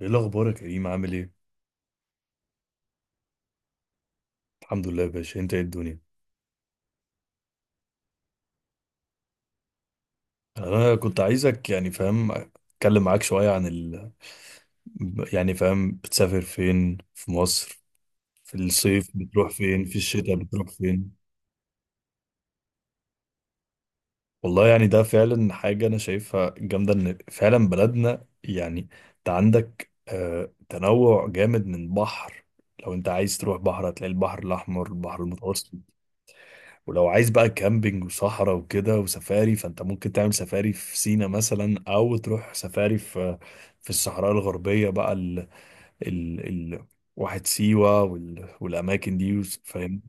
ايه الاخبار يا كريم، عامل ايه؟ الحمد لله يا باشا، انت ايه الدنيا؟ انا كنت عايزك يعني فاهم اتكلم معاك شويه عن يعني فاهم، بتسافر فين في مصر؟ في الصيف بتروح فين؟ في الشتاء بتروح فين؟ والله يعني ده فعلا حاجه انا شايفها جامده ان فعلا بلدنا يعني، انت عندك تنوع جامد من بحر. لو انت عايز تروح بحر هتلاقي البحر الاحمر، البحر المتوسط. ولو عايز بقى كامبينج وصحراء وكده وسفاري، فانت ممكن تعمل سفاري في سينا مثلا او تروح سفاري في الصحراء الغربية بقى ال ال ال واحد سيوة والاماكن دي فاهم.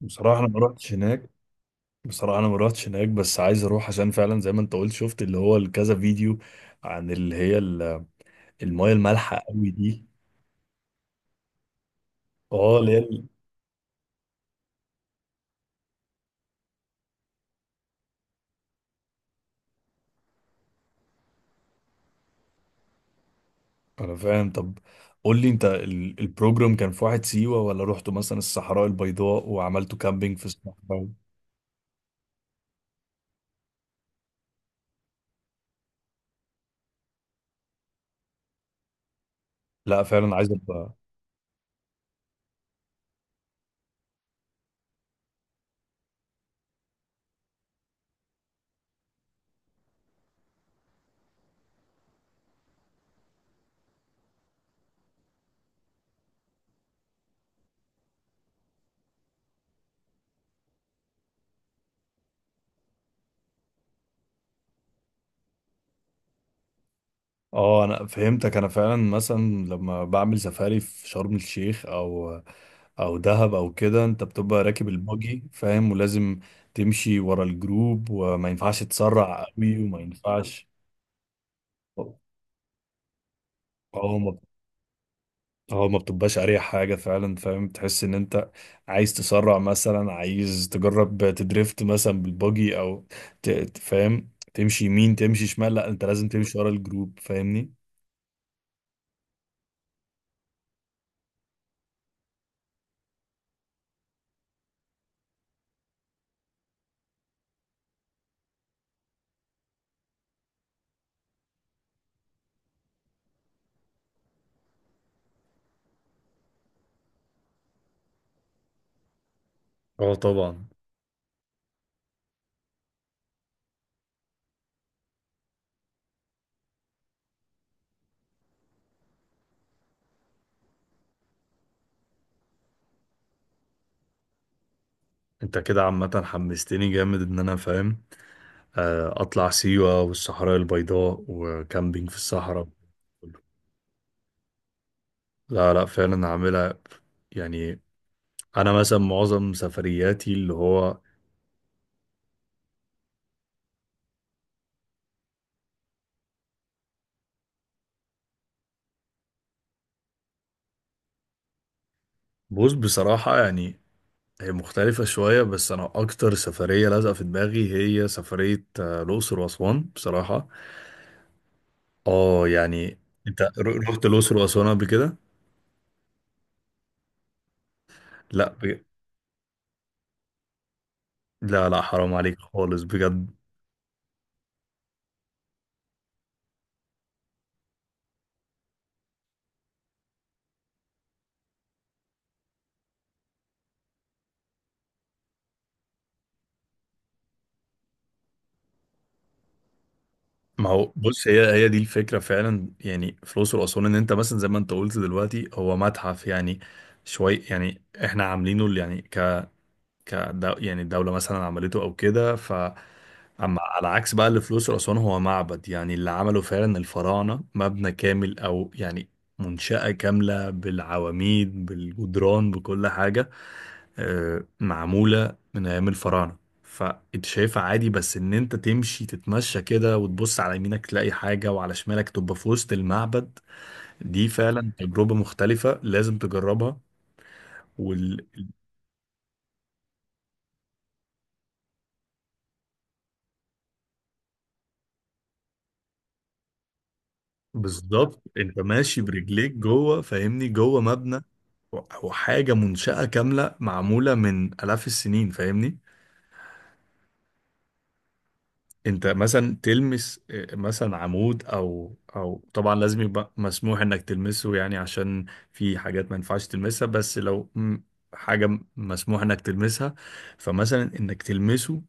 بصراحة انا ما روحتش هناك. بصراحة انا ما روحتش هناك، بس عايز اروح عشان فعلا زي ما انت قلت، شفت اللي هو كذا فيديو عن اللي هي المايه المالحة قوي دي. اه، اللي هي انا فاهم. طب، قول لي انت البروجرام كان في واحد سيوة، ولا رحتوا مثلا الصحراء البيضاء وعملتوا كامبينج في الصحراء؟ لا، فعلا عايز ابقى. اه، انا فهمتك. انا فعلا مثلا، لما بعمل سفاري في شرم الشيخ او دهب او كده، انت بتبقى راكب البuggy فاهم، ولازم تمشي ورا الجروب وما ينفعش تسرع قوي وما ينفعش... اه ما اه ما بتبقاش اريح حاجه فعلا، فاهم. تحس ان انت عايز تسرع مثلا، عايز تجرب تدريفت مثلا بالبوجي او فاهم، تمشي يمين، تمشي شمال، لا انت لازم تمشي ورا الجروب فاهمني. اه طبعا. انت كده عامة حمستني جامد ان انا فاهم اطلع سيوة والصحراء البيضاء وكامبينج في الصحراء. لا لا فعلا هعملها. يعني انا مثلا معظم سفرياتي اللي هو... بص، بصراحة يعني، هي مختلفة شوية، بس أنا أكتر سفرية لازقة في دماغي هي سفرية الأقصر وأسوان، بصراحة. آه، يعني... أنت رحت الأقصر وأسوان قبل كده؟ لا لا لا، حرام عليك خالص بجد. ما هو بص، هي هي دي الفكرة فعلا، يعني في الأقصر وأسوان، إن أنت مثلا زي ما أنت قلت دلوقتي هو متحف يعني شوي، يعني إحنا عاملينه اللي يعني ك ك يعني الدولة مثلا عملته أو كده. اما على عكس بقى اللي في الاقصر واسوان هو معبد، يعني اللي عمله فعلا الفراعنه، مبنى كامل او يعني منشأة كاملة بالعواميد بالجدران بكل حاجة معمولة من أيام الفراعنة. فأنت شايفها عادي، بس إن أنت تمشي تتمشى كده وتبص على يمينك تلاقي حاجة وعلى شمالك تبقى في وسط المعبد. دي فعلا تجربة مختلفة، لازم تجربها. بالظبط، انت ماشي برجليك جوه فاهمني، جوه مبنى. وحاجة منشأة كاملة معمولة من آلاف السنين فاهمني. انت مثلا تلمس اه، مثلا عمود او طبعا لازم يبقى مسموح انك تلمسه، يعني عشان في حاجات ما ينفعش تلمسها. بس لو حاجة مسموح انك تلمسها، فمثلا انك تلمسه،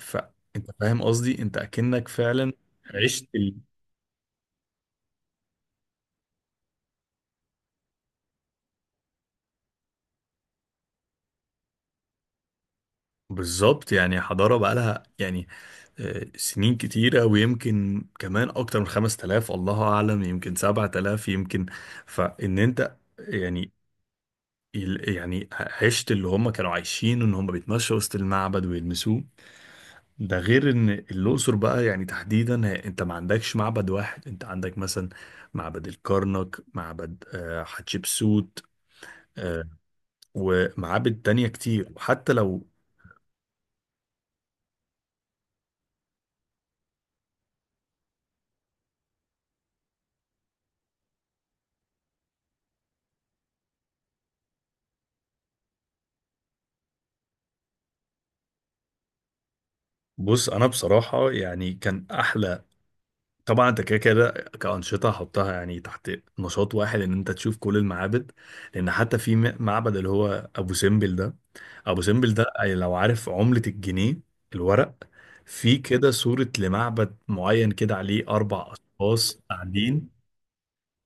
فانت فاهم قصدي، انت اكنك فعلا عشت ال- بالظبط يعني حضارة بقالها يعني سنين كتيرة، ويمكن كمان أكتر من خمس تلاف الله أعلم، يمكن سبعة تلاف يمكن. فإن أنت يعني يعني عشت اللي هم كانوا عايشين، إن هم بيتمشوا وسط المعبد ويلمسوه. ده غير إن الأقصر بقى، يعني تحديدا أنت ما عندكش معبد واحد، أنت عندك مثلا معبد الكرنك، معبد حتشبسوت آه، ومعابد تانية كتير، وحتى لو... بص أنا بصراحة يعني كان أحلى. طبعا انت كده كده كأنشطة حطها يعني تحت نشاط واحد، ان انت تشوف كل المعابد، لان حتى في معبد اللي هو ابو سمبل ده. ابو سمبل ده، أي لو عارف عملة الجنيه، الورق، في كده صورة لمعبد معين كده عليه اربع اشخاص قاعدين،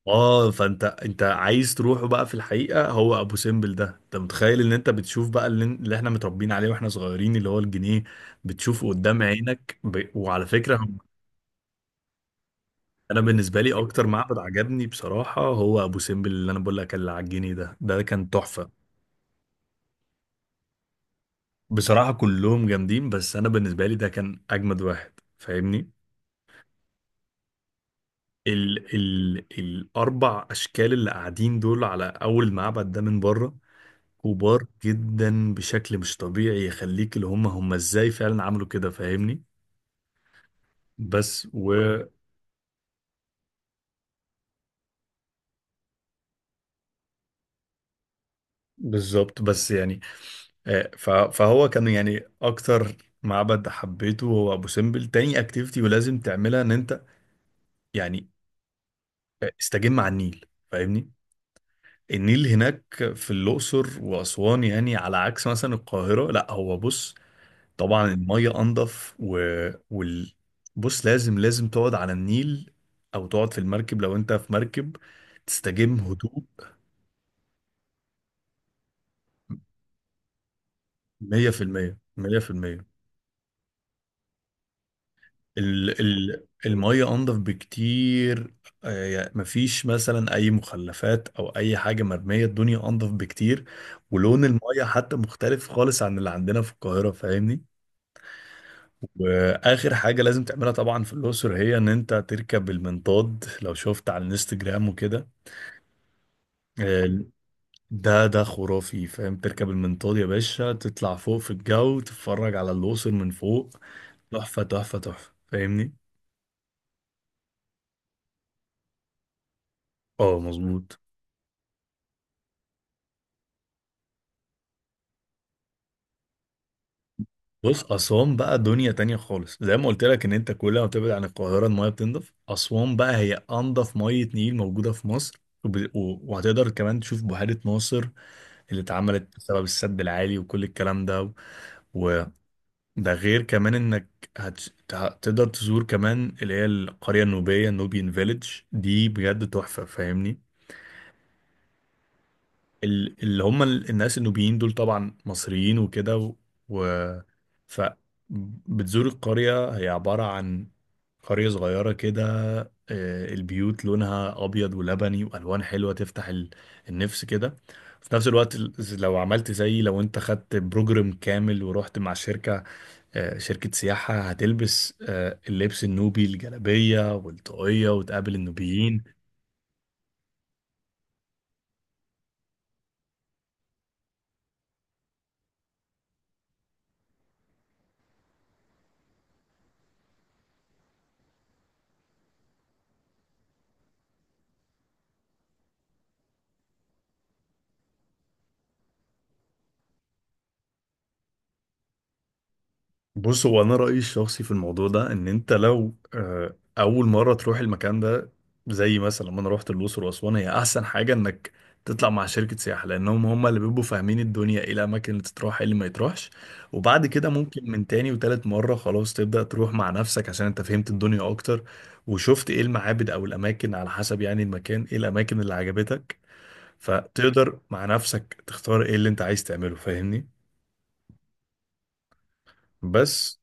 اه، فانت انت عايز تروحه بقى في الحقيقة. هو ابو سمبل ده، انت متخيل ان انت بتشوف بقى اللي احنا متربيين عليه واحنا صغيرين، اللي هو الجنيه، بتشوفه قدام عينك وعلى فكرة... انا بالنسبه لي اكتر معبد عجبني بصراحه هو ابو سمبل، اللي انا بقول لك اللي على الجنيه ده، ده كان تحفه. بصراحه كلهم جامدين، بس انا بالنسبه لي ده كان اجمد واحد فاهمني. ال ال الاربع اشكال اللي قاعدين دول على اول معبد ده من بره، كبار جدا بشكل مش طبيعي، يخليك اللي هم ازاي فعلا عملوا كده فاهمني. بس بالظبط. بس يعني فهو كان يعني اكتر معبد حبيته هو ابو سمبل. تاني اكتيفيتي ولازم تعملها ان انت يعني استجم على النيل فاهمني. النيل هناك في الاقصر واسوان يعني على عكس مثلا القاهره، لا هو بص، طبعا الميه انضف وال... بص لازم تقعد على النيل، او تقعد في المركب لو انت في مركب، تستجم، هدوء. 100% 100%. ال ال المية أنضف بكتير يعني مفيش مثلا أي مخلفات أو أي حاجة مرمية، الدنيا أنضف بكتير، ولون المية حتى مختلف خالص عن اللي عندنا في القاهرة فاهمني. وآخر حاجة لازم تعملها طبعا في الأقصر هي إن أنت تركب المنطاد، لو شفت على الانستجرام وكده آه، ده خرافي فاهم. تركب المنطاد يا باشا، تطلع فوق في الجو، تتفرج على الأقصر من فوق، تحفة تحفة تحفة فاهمني. اه مظبوط. بص أسوان بقى دنيا تانية خالص، زي ما قلت لك، إن أنت كل ما بتبعد عن القاهرة المية بتنضف. أسوان بقى هي أنضف مية نيل موجودة في مصر، وهتقدر كمان تشوف بحيرة ناصر اللي اتعملت بسبب السد العالي وكل الكلام ده. وده غير كمان إنك هتقدر تزور كمان اللي هي القرية النوبية، نوبيان فيليج. دي بجد تحفة فاهمني. الناس النوبيين دول طبعا مصريين وكده و... و... ف بتزور القرية، هي عبارة عن قرية صغيرة كده. البيوت لونها أبيض ولبني وألوان حلوة، تفتح النفس كده. في نفس الوقت لو عملت زي، لو انت خدت بروجرام كامل ورحت مع شركة شركة سياحة، هتلبس اللبس النوبي، الجلابية والطاقية، وتقابل النوبيين. بص هو انا رايي الشخصي في الموضوع ده، ان انت لو اول مره تروح المكان ده، زي مثلا لما انا رحت الاقصر واسوان، هي احسن حاجه انك تطلع مع شركه سياحه، لانهم هم اللي بيبقوا فاهمين الدنيا ايه الاماكن اللي تتروح ايه اللي ما يتروحش. وبعد كده ممكن من تاني وتالت مره خلاص تبدا تروح مع نفسك عشان انت فهمت الدنيا اكتر، وشفت ايه المعابد او الاماكن، على حسب يعني المكان ايه الاماكن اللي عجبتك، فتقدر مع نفسك تختار ايه اللي انت عايز تعمله فاهمني. بس.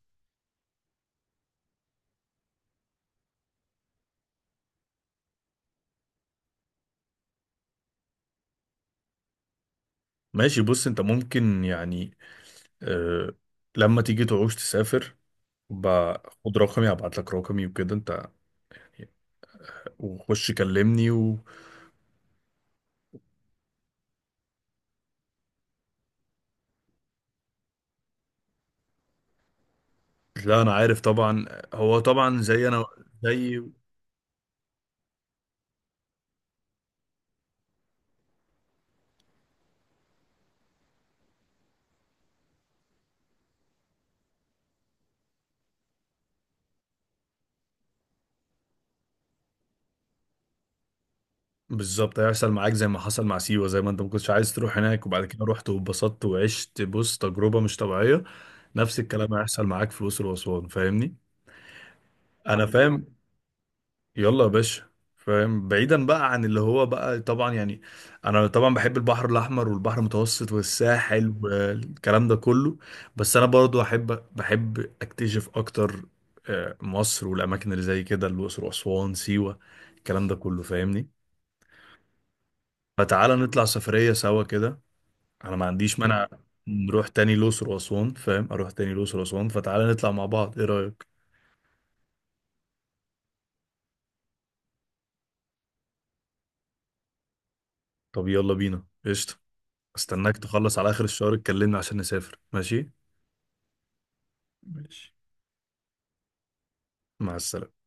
ماشي، بص انت ممكن يعني أه لما تيجي تعوز تسافر، باخد رقمي، هبعت لك رقمي وكده، انت وخش كلمني لا، انا عارف طبعا. هو طبعا زي بالظبط هيحصل معاك زي ما حصل مع سيوة، زي ما انت ما كنتش عايز تروح هناك وبعد كده رحت واتبسطت وعشت بص تجربة مش طبيعية. نفس الكلام هيحصل معاك في الأقصر وأسوان فاهمني. انا فاهم. يلا يا باشا فاهم، بعيدا بقى عن اللي هو بقى طبعا يعني، انا طبعا بحب البحر الاحمر والبحر المتوسط والساحل والكلام ده كله، بس انا برضو بحب اكتشف اكتر مصر والاماكن اللي زي كده، الاقصر واسوان سيوه، الكلام ده كله فاهمني. فتعالى نطلع سفريه سوا كده، انا ما عنديش مانع. نروح تاني الاقصر واسوان فاهم، اروح تاني الاقصر واسوان، فتعالى نطلع مع بعض ايه رايك؟ طب يلا بينا قشطه. استناك تخلص على اخر الشهر اتكلمنا عشان نسافر ماشي. ماشي. مع السلامة.